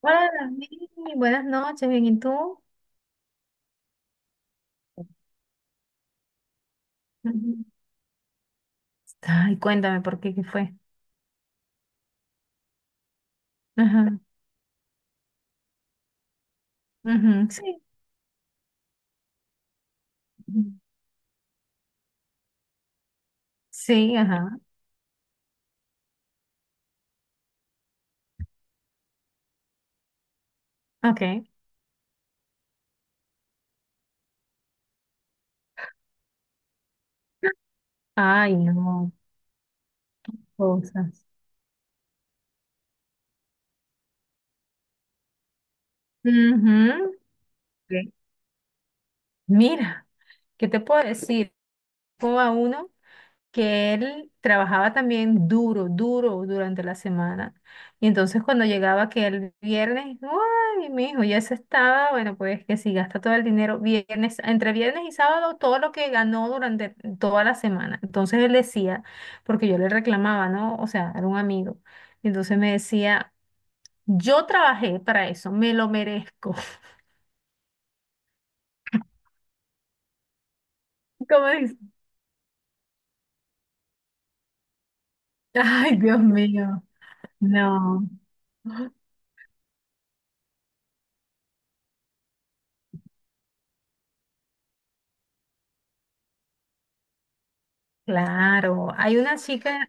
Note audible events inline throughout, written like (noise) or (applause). Hola, Dani. Buenas noches, bien, ¿y tú? Ujú. Ay, cuéntame por qué, qué fue. Ajá. Ujú, sí. Ujú. Sí, ajá. Ok. Ay, no, cosas. Ujú. Ok. Mira, ¿qué te puedo decir? ¿Como a uno? Que él trabajaba también duro, duro durante la semana. Y entonces cuando llegaba que el viernes, ay, mi hijo, ya se estaba, bueno, pues que si gasta todo el dinero viernes, entre viernes y sábado, todo lo que ganó durante toda la semana. Entonces él decía, porque yo le reclamaba, ¿no? O sea, era un amigo. Y entonces me decía, yo trabajé para eso, me lo merezco. (laughs) Como dice, ay, Dios mío, no. Claro,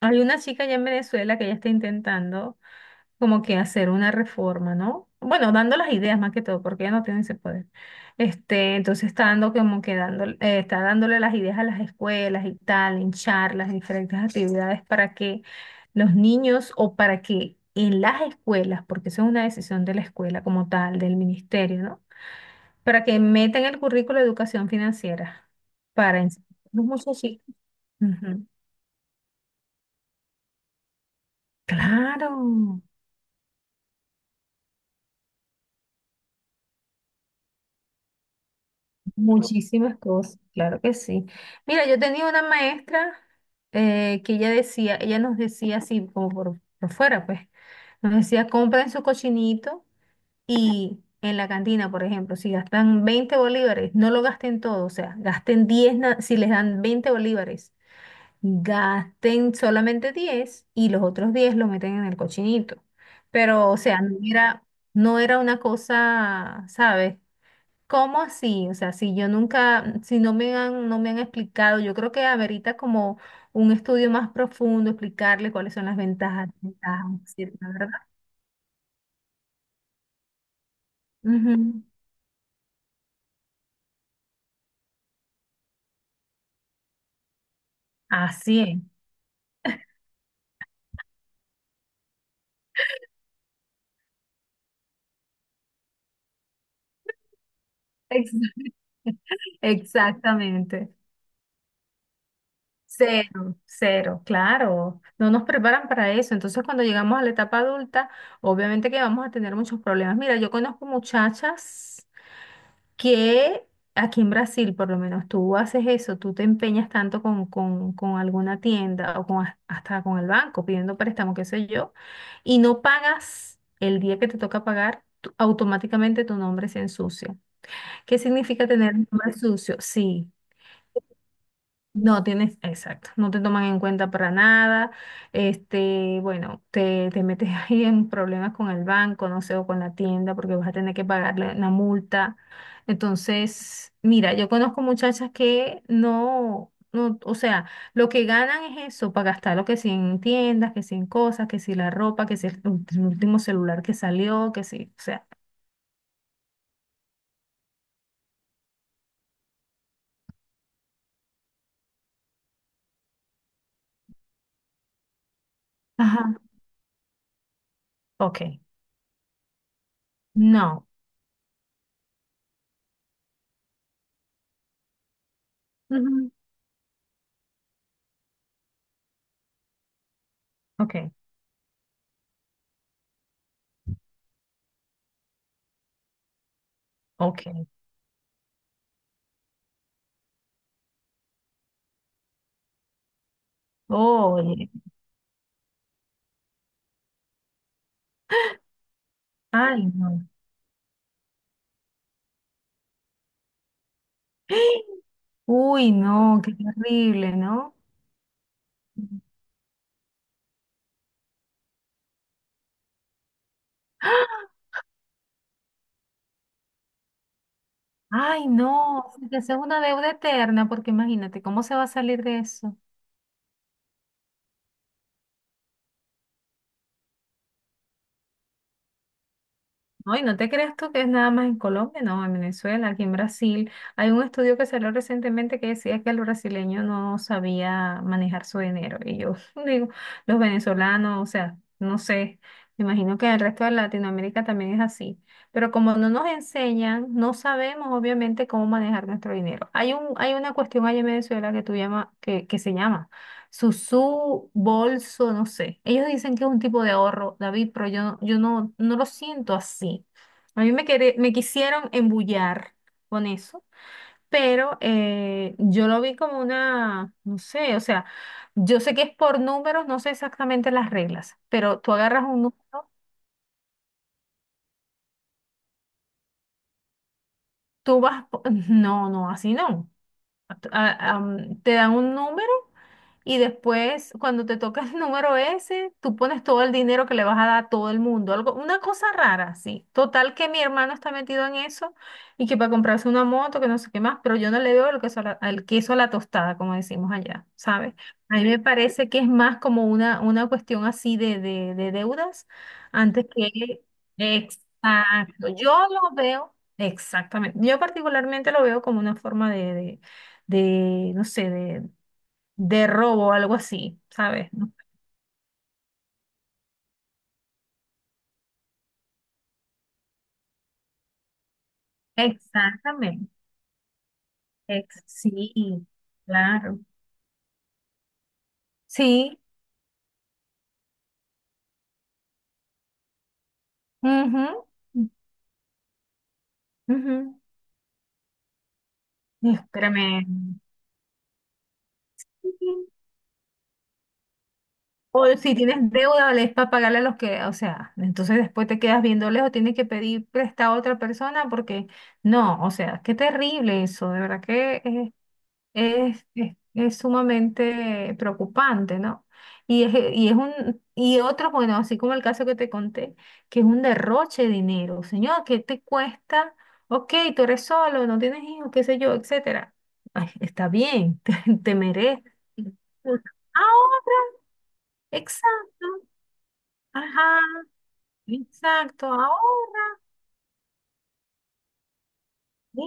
hay una chica allá en Venezuela que ya está intentando como que hacer una reforma, ¿no? Bueno, dando las ideas más que todo, porque ella no tiene ese poder. Este, entonces está dando como que dando, está dándole las ideas a las escuelas y tal, en charlas, diferentes actividades para que los niños o para que en las escuelas, porque eso es una decisión de la escuela como tal, del ministerio, ¿no? Para que metan el currículo de educación financiera para enseñar a los muchachitos. Ujú. Claro, muchísimas cosas, claro que sí. Mira, yo tenía una maestra que ella nos decía así como por fuera, pues, nos decía, compren su cochinito, y en la cantina, por ejemplo, si gastan 20 bolívares, no lo gasten todo, o sea, gasten 10 si les dan 20 bolívares, gasten solamente 10 y los otros 10 lo meten en el cochinito. Pero, o sea, no era una cosa, ¿sabes? ¿Cómo así? O sea, si yo nunca, si no me han explicado, yo creo que amerita como un estudio más profundo, explicarle cuáles son las ventajas, desventajas, etcétera, ¿verdad? Ujú. Así es. Ex- (laughs) Exactamente. Cero, cero, claro. No nos preparan para eso. Entonces, cuando llegamos a la etapa adulta, obviamente que vamos a tener muchos problemas. Mira, yo conozco muchachas que aquí en Brasil, por lo menos, tú haces eso, tú te empeñas tanto con alguna tienda o hasta con el banco pidiendo préstamo, qué sé yo, y no pagas el día que te toca pagar, automáticamente tu nombre se ensucia. ¿Qué significa tener un nombre sucio? Sí. No tienes, exacto, no te toman en cuenta para nada. Este, bueno, te metes (laughs) ahí en problemas con el banco, no sé, o con la tienda, porque vas a tener que pagarle una multa. Entonces, mira, yo conozco muchachas que no, no, o sea, lo que ganan es eso, para gastar lo que si en tiendas, que si en cosas, que si la ropa, que si el último celular que salió, que si, o sea, ajá, ok, no, ujú, ok, ok, oye, ay, no. (gasps) Uy, no, qué terrible, ¿no? ¡Ah! Ay, no, que sea una deuda eterna, porque imagínate, ¿cómo se va a salir de eso? No, y no te creas tú que es nada más en Colombia, no, en Venezuela, aquí en Brasil. Hay un estudio que salió recientemente que decía que el brasileño no sabía manejar su dinero. Y yo (laughs) digo, los venezolanos, o sea, no sé, me imagino que en el resto de Latinoamérica también es así. Pero como no nos enseñan, no sabemos obviamente cómo manejar nuestro dinero. Hay una cuestión allá en Venezuela que tú llama, que se llama. Susú, bolso, no sé. Ellos dicen que es un tipo de ahorro, David, pero yo no lo siento así. A mí me quisieron embullar con eso, pero yo lo vi como una, no sé, o sea, yo sé que es por números, no sé exactamente las reglas, pero tú agarras un número, tú vas, po- (laughs) no, no, así no. Te dan un número. Y después, cuando te toca el (laughs) número ese, tú pones todo el dinero que le vas a dar a todo el mundo. Algo, una cosa rara, sí. Total que mi hermano está metido en eso y que para comprarse una moto, que no sé qué más, pero yo no le veo el queso a la tostada, como decimos allá, ¿sabes? A mí me parece que es más como una cuestión así de deudas antes que... Exacto. Yo lo veo, exactamente. Yo particularmente lo veo como una forma de, no sé, de, de robo, algo así, ¿sabes? ¿No? Exactamente. Sí, claro. Sí. Ujú, ujú. Espérame. O si tienes deuda, le es para pagarle a los que, o sea, entonces después te quedas viéndoles o tienes que pedir prestado a otra persona porque no, o sea, qué terrible eso, de verdad que es sumamente preocupante, ¿no? Y otro, bueno, así como el caso que te conté, que es un derroche de dinero. Señor, ¿qué te cuesta? Ok, tú eres solo, no tienes hijos, qué sé yo, etcétera. Ay, está bien, (laughs) te mereces. Ahorra, exacto, ajá, exacto, ahorra. Sí,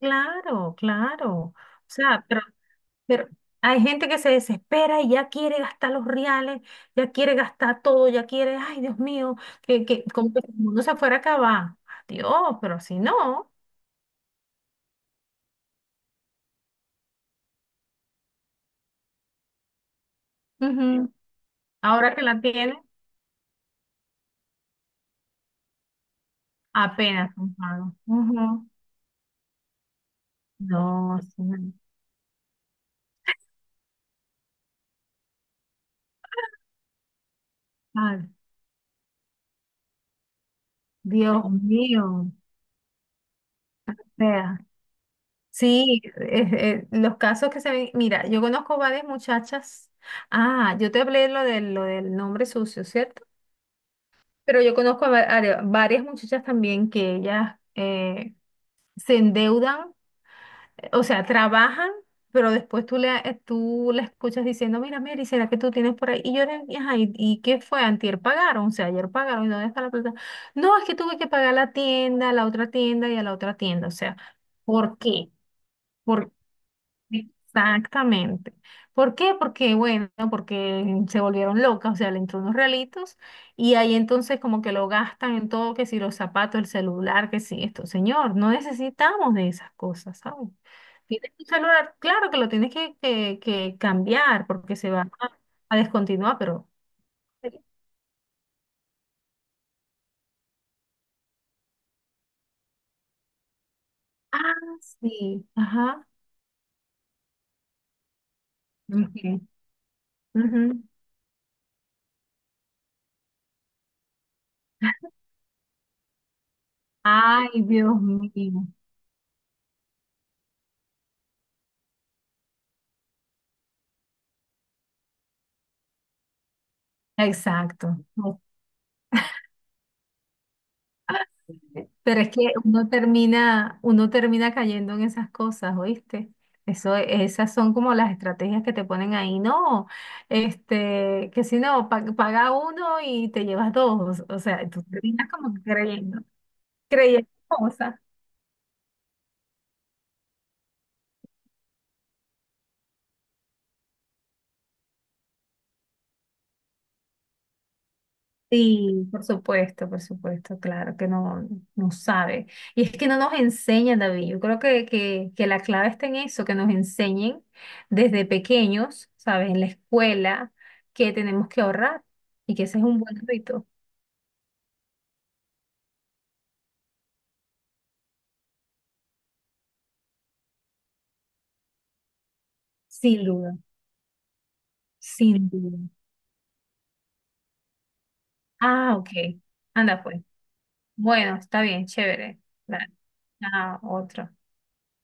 claro, claro. O sea, pero hay gente que se desespera y ya quiere gastar los reales, ya quiere gastar todo, ya quiere, ay, Dios mío, que como que si el mundo se fuera a acabar. Dios, pero si no, ujú, ahora que la tiene, apenas comprado. Ujú. No, sí, ay, Dios mío. O sea, sí, los casos que se ven, mira, yo conozco varias muchachas. Ah, yo te hablé lo del nombre sucio, ¿cierto? Pero yo conozco a varias muchachas también que ellas se endeudan, o sea, trabajan, pero después tú la escuchas diciendo, mira, Mary, ¿será que tú tienes por ahí? Y yo le dije: "Ajá, ¿y qué fue? Antier pagaron, o sea, ayer pagaron, ¿y dónde está la plata? No, es que tuve que pagar la tienda, la otra tienda y a la otra tienda, o sea, ¿por qué?". Exactamente. ¿Por qué? Porque, bueno, porque se volvieron locas, o sea, le entró unos realitos y ahí entonces como que lo gastan en todo, que si los zapatos, el celular, que si esto. Señor, no necesitamos de esas cosas, ¿sabes? Tienes un celular, claro que lo tienes que cambiar porque se va a descontinuar, pero... Ah, sí, ajá. Ok, ujú. Ay, Dios mío. Exacto. Pero es que uno termina cayendo en esas cosas, ¿oíste? Eso, esas son como las estrategias que te ponen ahí, no, este, que si no, paga uno y te llevas dos, o sea, tú terminas como creyendo cosas. Sí, por supuesto, claro que no, no sabe. Y es que no nos enseñan, David. Yo creo que la clave está en eso, que nos enseñen desde pequeños, ¿sabes? En la escuela, que tenemos que ahorrar y que ese es un buen hábito. Sin duda, sin duda. Ah, ok. Anda pues. Bueno, está bien, chévere. Dale, ah, otro.